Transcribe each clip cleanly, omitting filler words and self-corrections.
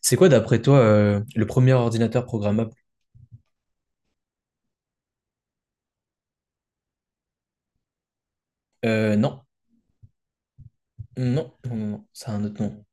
C'est quoi, d'après toi, le premier ordinateur programmable? Non, non, non, non, non, ça a un autre nom.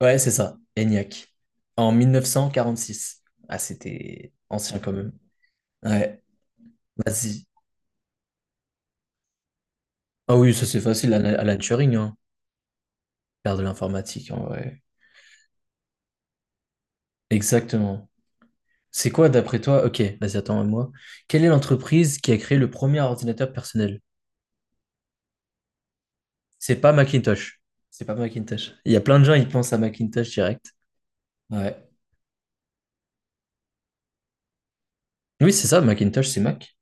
Ouais, c'est ça, ENIAC. En 1946. Ah, c'était ancien quand même. Ouais, vas-y. Ah oui, ça c'est facile, Alan Turing, hein. Faire de l'informatique, en vrai. Exactement. C'est quoi, d'après toi? Ok, vas-y, attends à moi. Quelle est l'entreprise qui a créé le premier ordinateur personnel? C'est pas Macintosh. C'est pas Macintosh. Il y a plein de gens, ils pensent à Macintosh direct. Ouais. Oui, c'est ça, Macintosh, c'est Mac.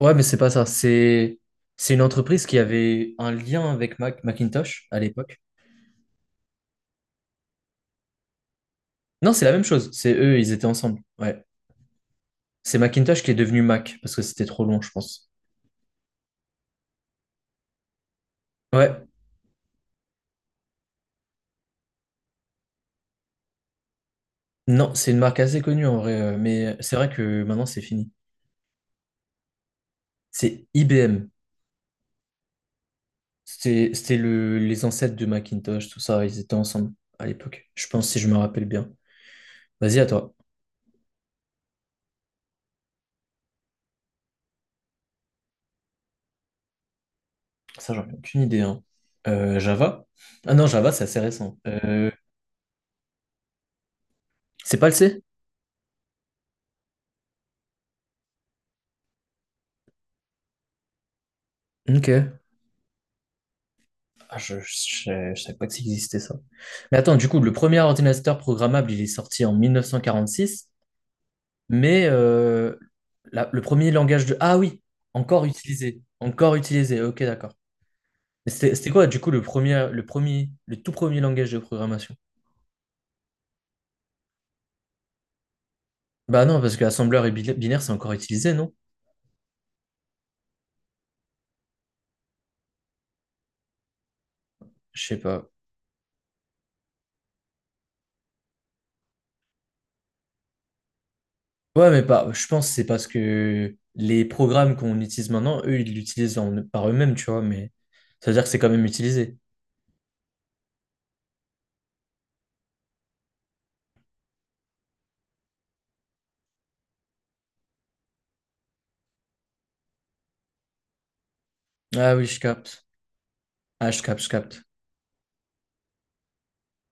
Ouais, mais c'est pas ça. C'est une entreprise qui avait un lien avec Macintosh à l'époque. Non, c'est la même chose. C'est eux, ils étaient ensemble. Ouais. C'est Macintosh qui est devenu Mac parce que c'était trop long, je pense. Ouais. Non, c'est une marque assez connue en vrai, mais c'est vrai que maintenant c'est fini. C'est IBM. C'était le les ancêtres de Macintosh, tout ça. Ils étaient ensemble à l'époque. Je pense si je me rappelle bien. Vas-y à toi. Ça, j'en ai aucune idée, hein. Java? Ah non, Java, c'est assez récent. C'est pas le C? Ok. Ah, je savais pas que ça existait ça. Mais attends, du coup, le premier ordinateur programmable, il est sorti en 1946, mais le premier langage de... Ah oui, encore utilisé, ok, d'accord. Mais c'était quoi, du coup, le premier, le tout premier langage de programmation? Bah non, parce que assembleur et binaire, c'est encore utilisé, non? Je sais pas. Ouais, mais pas, je pense que c'est parce que les programmes qu'on utilise maintenant, eux, ils l'utilisent par eux-mêmes, tu vois, mais ça veut dire que c'est quand même utilisé. Ah oui, je capte. Ah, je capte, je capte.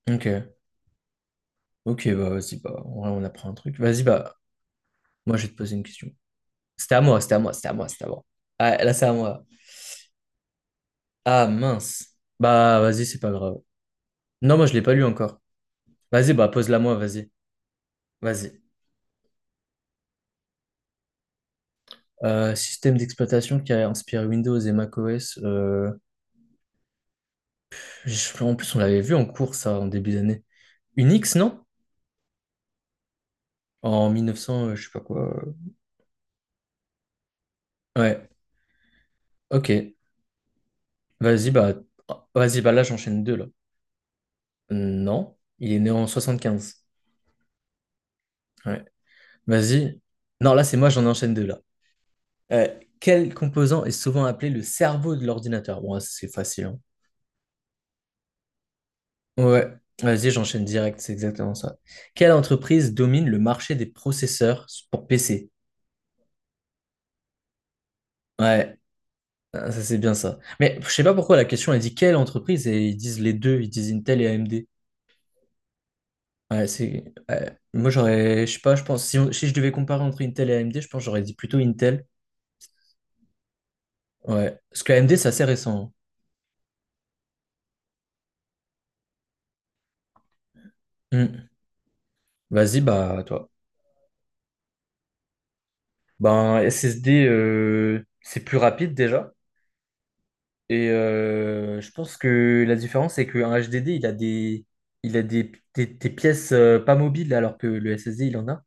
Ok, ok, bah vas-y, bah, en vrai, on apprend un truc. Vas-y, bah, moi, je vais te poser une question. C'était à moi, c'était à moi, c'était à moi, c'était à moi. Ah, là, c'est à moi. Ah, mince. Bah, vas-y, c'est pas grave. Non, moi, je l'ai pas lu encore. Vas-y, bah, pose-la moi, vas-y. Vas-y. Système d'exploitation qui a inspiré Windows et macOS. En plus, on l'avait vu en cours, ça, en début d'année. Unix, non? En 1900, je sais pas quoi. Ouais, ok. Vas-y, bah, vas-y, bah, là, j'enchaîne deux, là. Non, il est né en 75. Ouais. Vas-y. Non, là, c'est moi, j'en enchaîne deux là. Euh, quel composant est souvent appelé le cerveau de l'ordinateur? Bon, c'est facile, hein. Ouais. Vas-y, j'enchaîne direct, c'est exactement ça. Quelle entreprise domine le marché des processeurs pour PC? Ouais, ah, ça c'est bien ça. Mais je sais pas pourquoi la question, elle dit quelle entreprise et ils disent les deux, ils disent Intel et AMD. Ouais, c'est. Ouais. Moi, j'aurais. Je sais pas, je pense. Si, si je devais comparer entre Intel et AMD, je pense que j'aurais dit plutôt Intel. Ouais. Parce que AMD, c'est assez récent, hein. Hmm. Vas-y, bah, à toi. Ben, SSD, c'est plus rapide déjà. Et je pense que la différence, c'est qu'un HDD, il a des pièces pas mobiles, alors que le SSD, il en a.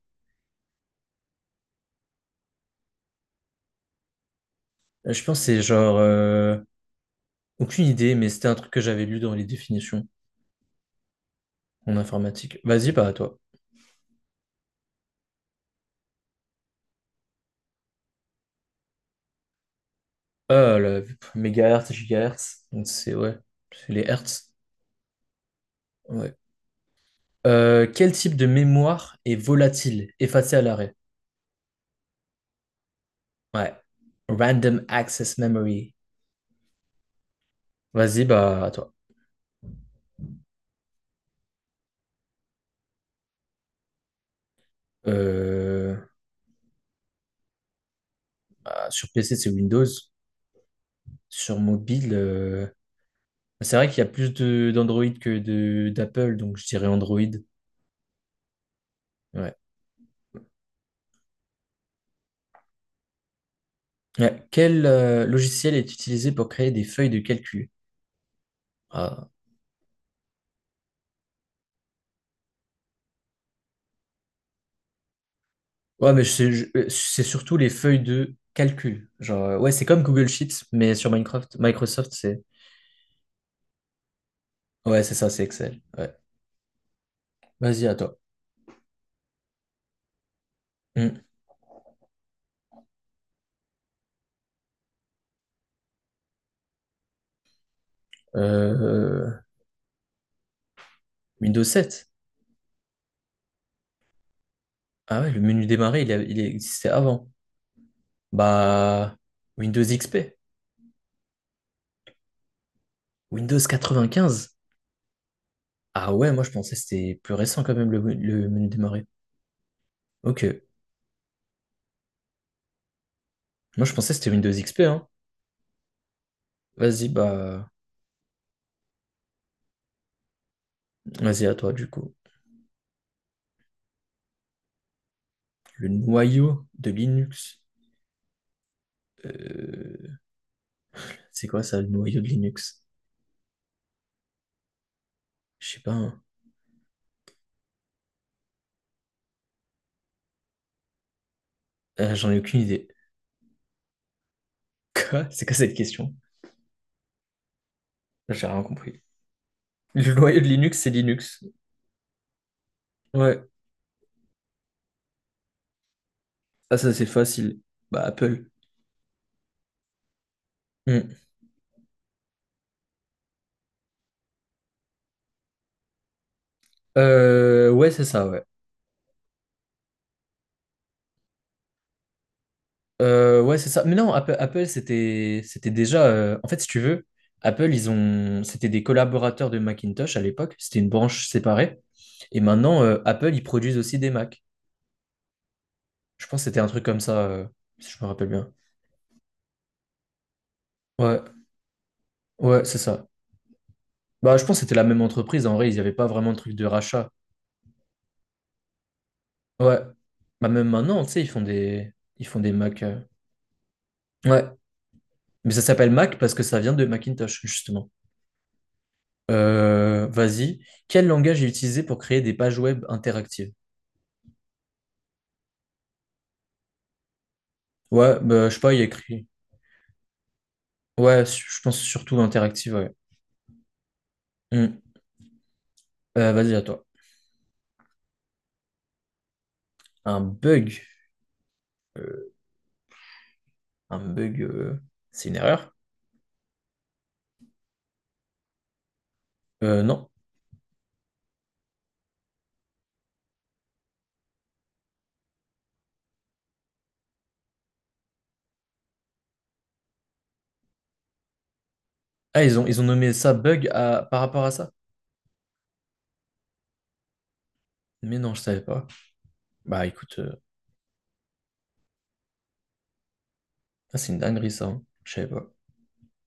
Je pense que c'est genre... aucune idée, mais c'était un truc que j'avais lu dans les définitions en informatique. Vas-y, pas à toi. Ah, le mégahertz, gigahertz, donc c'est ouais, c'est les hertz. Ouais. Quel type de mémoire est volatile, effacée à l'arrêt? Ouais. Random access memory. Vas-y, bah, à toi. Euh, bah, sur PC, c'est Windows. Sur mobile, c'est vrai qu'il y a plus de d'Android que de d'Apple, donc je dirais Android. Ouais. Ouais. Quel logiciel est utilisé pour créer des feuilles de calcul? Ah. Ouais, mais c'est surtout les feuilles de calcul. Genre, ouais, c'est comme Google Sheets, mais sur Minecraft, Microsoft, c'est. Ouais, c'est ça, c'est Excel. Ouais. Vas-y, à toi. Hmm. Euh, Windows 7. Ah ouais, le menu démarrer, il existait avant. Bah, Windows XP, Windows 95. Ah ouais, moi je pensais que c'était plus récent quand même le menu démarrer. Ok, moi je pensais que c'était Windows XP, hein. Vas-y, bah, vas-y à toi du coup. Le noyau de Linux. Euh, c'est quoi ça, le noyau de Linux? Je sais pas, hein. J'en ai aucune idée. Quoi? C'est quoi cette question? J'ai rien compris. Le noyau de Linux, c'est Linux. Ouais, ah ça c'est facile. Bah, Apple. Hmm. Ouais, c'est ça, ouais. Ouais, c'est ça. Mais non, Apple, c'était déjà. En fait, si tu veux, Apple, c'était des collaborateurs de Macintosh à l'époque. C'était une branche séparée. Et maintenant, Apple, ils produisent aussi des Mac. Je pense que c'était un truc comme ça, si je me rappelle bien. Ouais, ouais, c'est ça. Bah, je pense que c'était la même entreprise. En vrai, il n'y avait pas vraiment de truc de rachat. Ouais. Bah, même maintenant, tu sais, ils font des Mac. Ouais. Mais ça s'appelle Mac parce que ça vient de Macintosh. Vas-y. Quel langage est utilisé pour créer des pages web interactives? Ouais, bah, je sais pas, il y a écrit. Ouais, je pense surtout interactive, ouais. Hmm. Vas-y, à toi. Un bug. Euh, un bug, c'est une erreur? Non. Ah, ils ont nommé ça bug par rapport à ça? Mais non, je savais pas. Bah écoute, ah, c'est une dinguerie ça, hein. Je savais pas.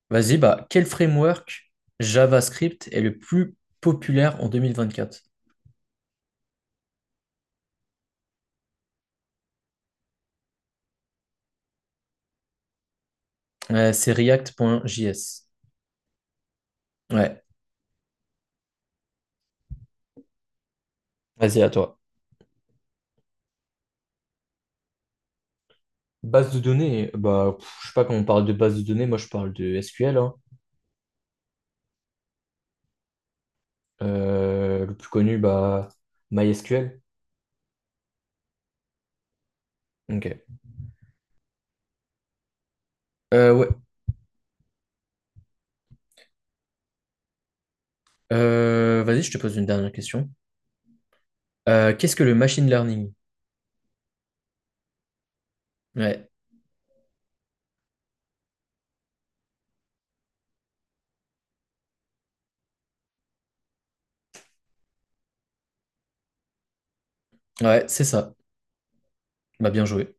Vas-y, bah, quel framework JavaScript est le plus populaire en 2024? C'est React.js. Ouais, vas-y, à toi. Base de données, bah, pff, je sais pas quand on parle de base de données, moi je parle de SQL, hein. Le plus connu, bah, MySQL. Ok. Ouais. Vas-y, je te pose une dernière question. Qu'est-ce que le machine learning? Ouais, ouais, c'est ça. Bah, bien joué.